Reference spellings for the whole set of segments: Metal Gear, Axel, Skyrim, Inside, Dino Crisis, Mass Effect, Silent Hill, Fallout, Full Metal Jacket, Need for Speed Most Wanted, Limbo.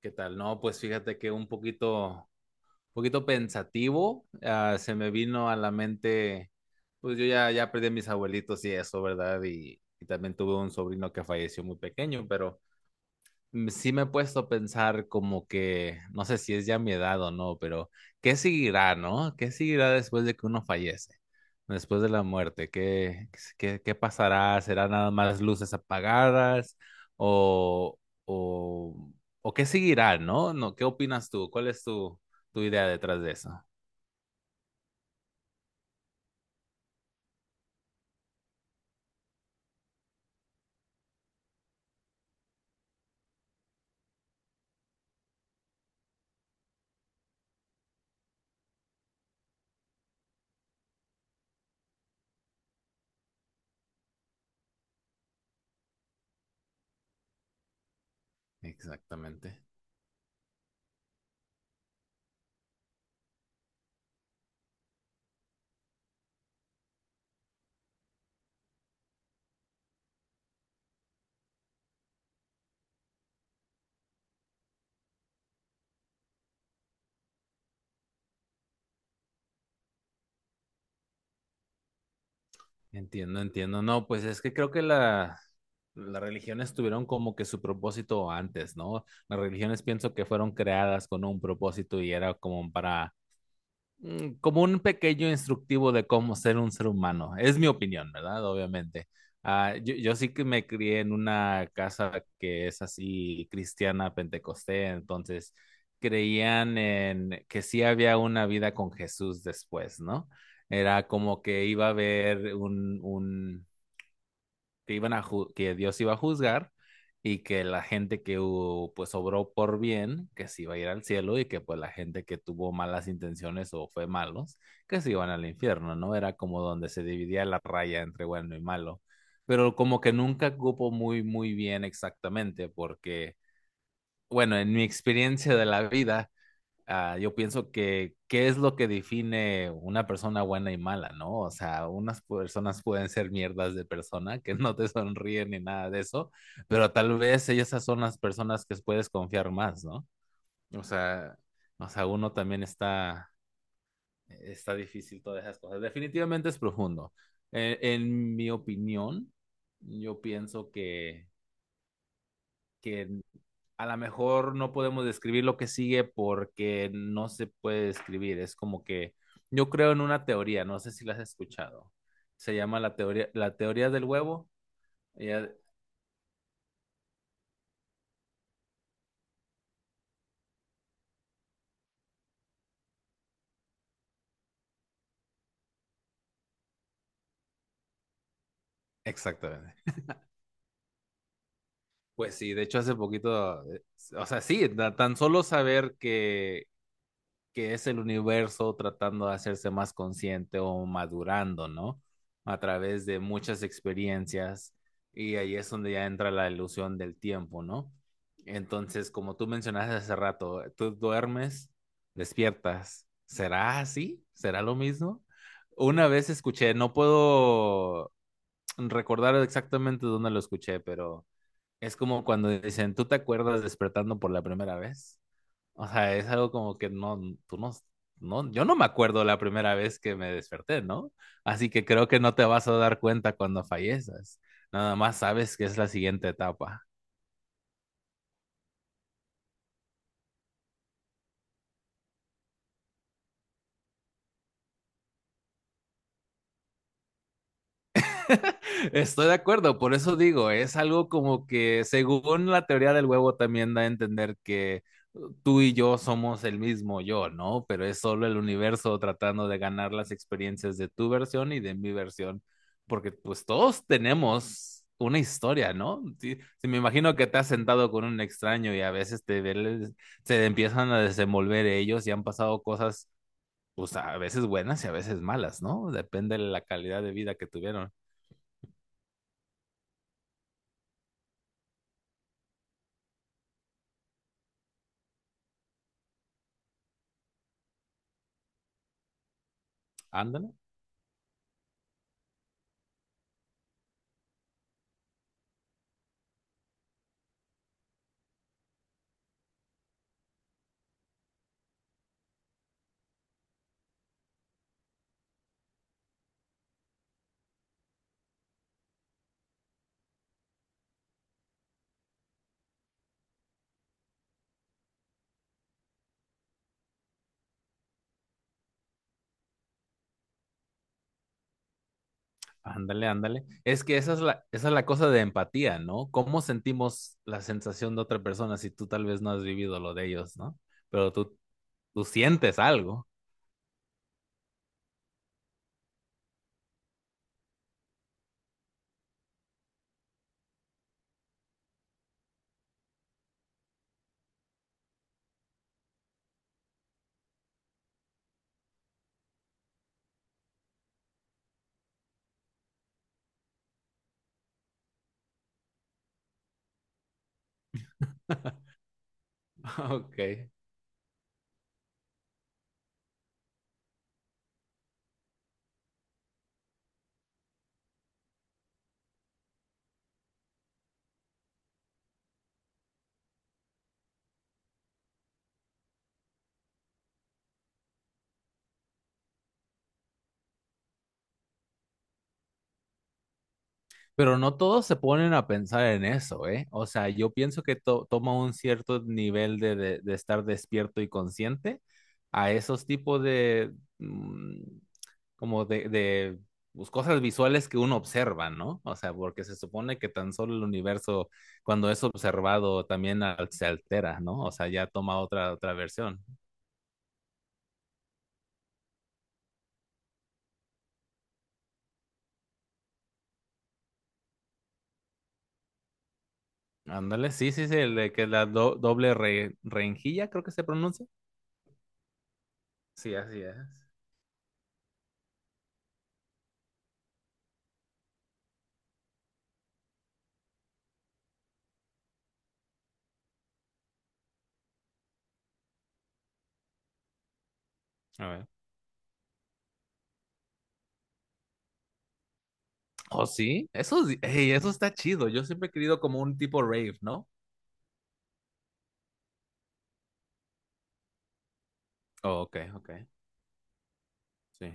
¿Qué tal? No, pues fíjate que un poquito pensativo, se me vino a la mente, pues yo ya perdí a mis abuelitos y eso, ¿verdad? Y también tuve un sobrino que falleció muy pequeño, pero sí me he puesto a pensar como que, no sé si es ya mi edad o no, pero ¿qué seguirá, no? ¿Qué seguirá después de que uno fallece? Después de la muerte, ¿qué pasará? ¿Será nada más luces apagadas? ¿O, o, o qué seguirá, no? No, ¿qué opinas tú? ¿Cuál es tu idea detrás de eso? Exactamente. Entiendo, entiendo. No, pues es que creo que las religiones tuvieron como que su propósito antes, ¿no? Las religiones pienso que fueron creadas con un propósito y era como para, como un pequeño instructivo de cómo ser un ser humano. Es mi opinión, ¿verdad? Obviamente. Yo sí que me crié en una casa que es así cristiana, pentecostés, entonces creían en que sí había una vida con Jesús después, ¿no? Era como que iba a haber que, que Dios iba a juzgar y que la gente que hubo, pues obró por bien, que se iba a ir al cielo y que pues la gente que tuvo malas intenciones o fue malos, que se iban al infierno, ¿no? Era como donde se dividía la raya entre bueno y malo. Pero como que nunca cupo muy bien exactamente, porque, bueno, en mi experiencia de la vida, yo pienso que qué es lo que define una persona buena y mala, ¿no? O sea, unas personas pueden ser mierdas de persona que no te sonríen ni nada de eso, pero tal vez esas son las personas que puedes confiar más, ¿no? O sea, uno también está, está difícil todas esas cosas. Definitivamente es profundo. En mi opinión, yo pienso que a lo mejor no podemos describir lo que sigue porque no se puede describir. Es como que yo creo en una teoría, no sé si la has escuchado. Se llama la teoría del huevo. Ella- Exactamente. Pues sí, de hecho hace poquito, o sea, sí, tan solo saber que es el universo tratando de hacerse más consciente o madurando, ¿no? A través de muchas experiencias, y ahí es donde ya entra la ilusión del tiempo, ¿no? Entonces, como tú mencionaste hace rato, tú duermes, despiertas. ¿Será así? ¿Será lo mismo? Una vez escuché, no puedo recordar exactamente dónde lo escuché, pero es como cuando dicen, ¿tú te acuerdas despertando por la primera vez? O sea, es algo como que no, tú no, no, yo no me acuerdo la primera vez que me desperté, ¿no? Así que creo que no te vas a dar cuenta cuando fallezas. Nada más sabes que es la siguiente etapa. Estoy de acuerdo, por eso digo, es algo como que según la teoría del huevo también da a entender que tú y yo somos el mismo yo, ¿no? Pero es solo el universo tratando de ganar las experiencias de tu versión y de mi versión, porque pues todos tenemos una historia, ¿no? Si me imagino que te has sentado con un extraño y a veces se empiezan a desenvolver ellos y han pasado cosas, pues a veces buenas y a veces malas, ¿no? Depende de la calidad de vida que tuvieron. Ándale. Ándale, ándale. Es que esa es la cosa de empatía, ¿no? ¿Cómo sentimos la sensación de otra persona si tú tal vez no has vivido lo de ellos, ¿no? Pero tú sientes algo. Ok. Pero no todos se ponen a pensar en eso, ¿eh? O sea, yo pienso que toma un cierto nivel de, de estar despierto y consciente a esos tipos de, mm, como de pues, cosas visuales que uno observa, ¿no? O sea, porque se supone que tan solo el universo, cuando es observado, también se altera, ¿no? O sea, ya toma otra versión. Ándale, sí, sí, sí, el de que la doble rejilla, creo que se pronuncia. Sí, así es. A ver. Oh, sí, eso, ey, eso está chido. Yo siempre he querido como un tipo rave, ¿no? Oh, ok, ok, sí,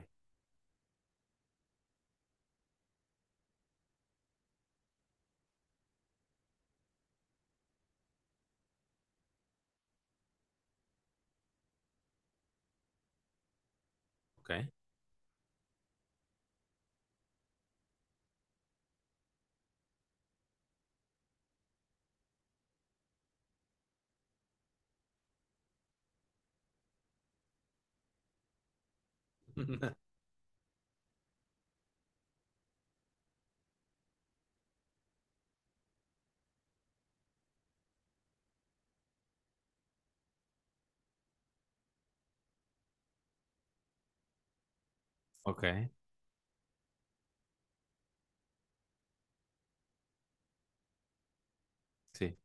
ok. Ok, sí.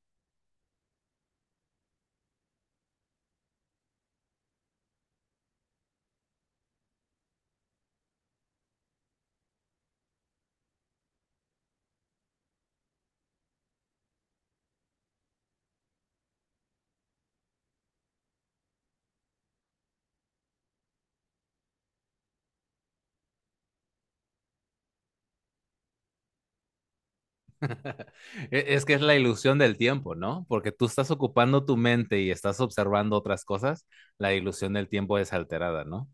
Es que es la ilusión del tiempo, ¿no? Porque tú estás ocupando tu mente y estás observando otras cosas, la ilusión del tiempo es alterada, ¿no?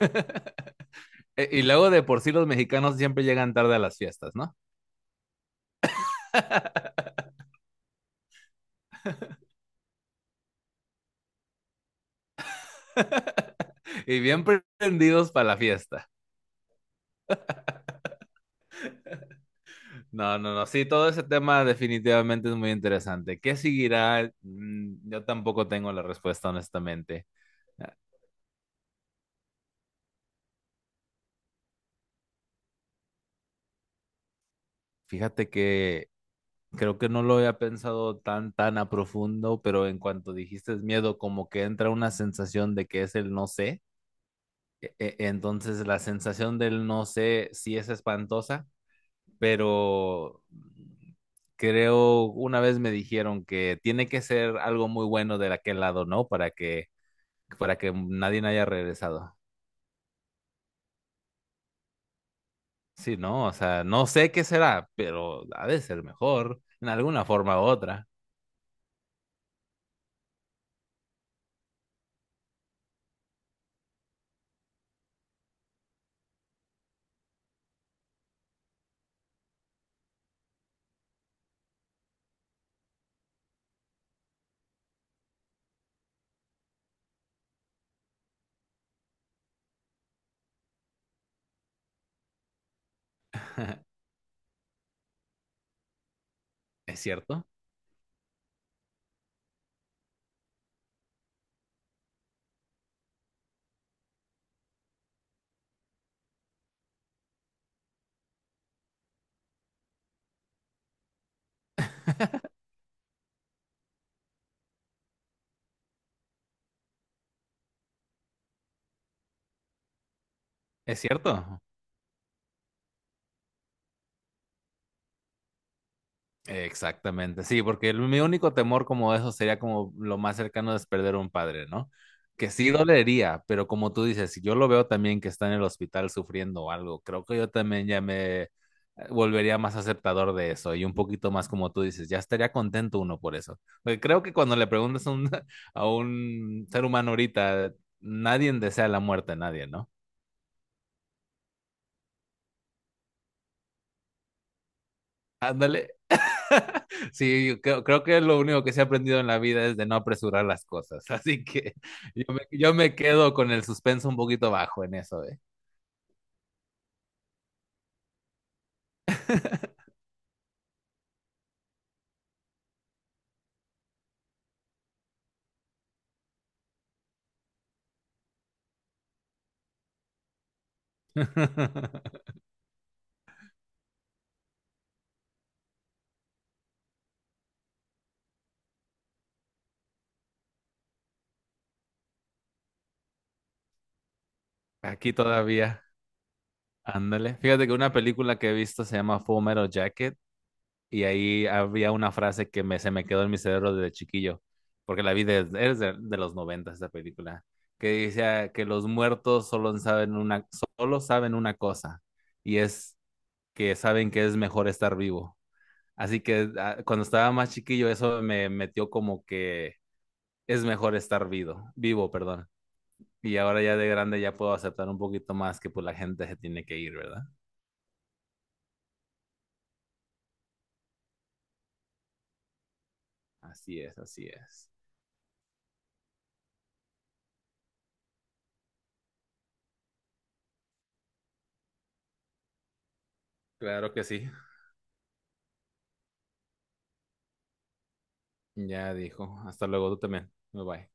Y luego de por sí los mexicanos siempre llegan tarde a las fiestas, ¿no? Y bien prendidos para la fiesta. No, no, no, sí, todo ese tema definitivamente es muy interesante. ¿Qué seguirá? Yo tampoco tengo la respuesta, honestamente. Ah, Fíjate que creo que no lo había pensado tan a profundo, pero en cuanto dijiste miedo, como que entra una sensación de que es el no sé. Entonces la sensación del no sé sí es espantosa, pero creo una vez me dijeron que tiene que ser algo muy bueno de aquel lado, ¿no? Para que nadie haya regresado. Sí, ¿no? O sea, no sé qué será, pero ha de ser mejor en alguna forma u otra. ¿Es cierto? ¿Es cierto? Exactamente, sí, porque mi único temor como eso sería como lo más cercano es perder un padre, ¿no? Que sí dolería, pero como tú dices, si yo lo veo también que está en el hospital sufriendo o algo, creo que yo también ya me volvería más aceptador de eso y un poquito más como tú dices, ya estaría contento uno por eso. Porque creo que cuando le preguntas a un, a un ser humano ahorita, nadie desea la muerte, a nadie, ¿no? Ándale, sí, yo creo que lo único que se ha aprendido en la vida es de no apresurar las cosas. Así que yo me quedo con el suspenso un poquito bajo en eso, ¿eh? Aquí todavía. Ándale. Fíjate que una película que he visto se llama Full Metal Jacket y ahí había una frase que se me quedó en mi cerebro desde chiquillo, porque la vi desde, es de los 90 esta película, que decía que los muertos solo saben una cosa y es que saben que es mejor estar vivo. Así que cuando estaba más chiquillo, eso me metió como que es mejor estar vivo, perdón. Y ahora ya de grande ya puedo aceptar un poquito más que pues la gente se tiene que ir, ¿verdad? Así es, así es. Claro que sí. Ya dijo. Hasta luego, tú también. Bye bye.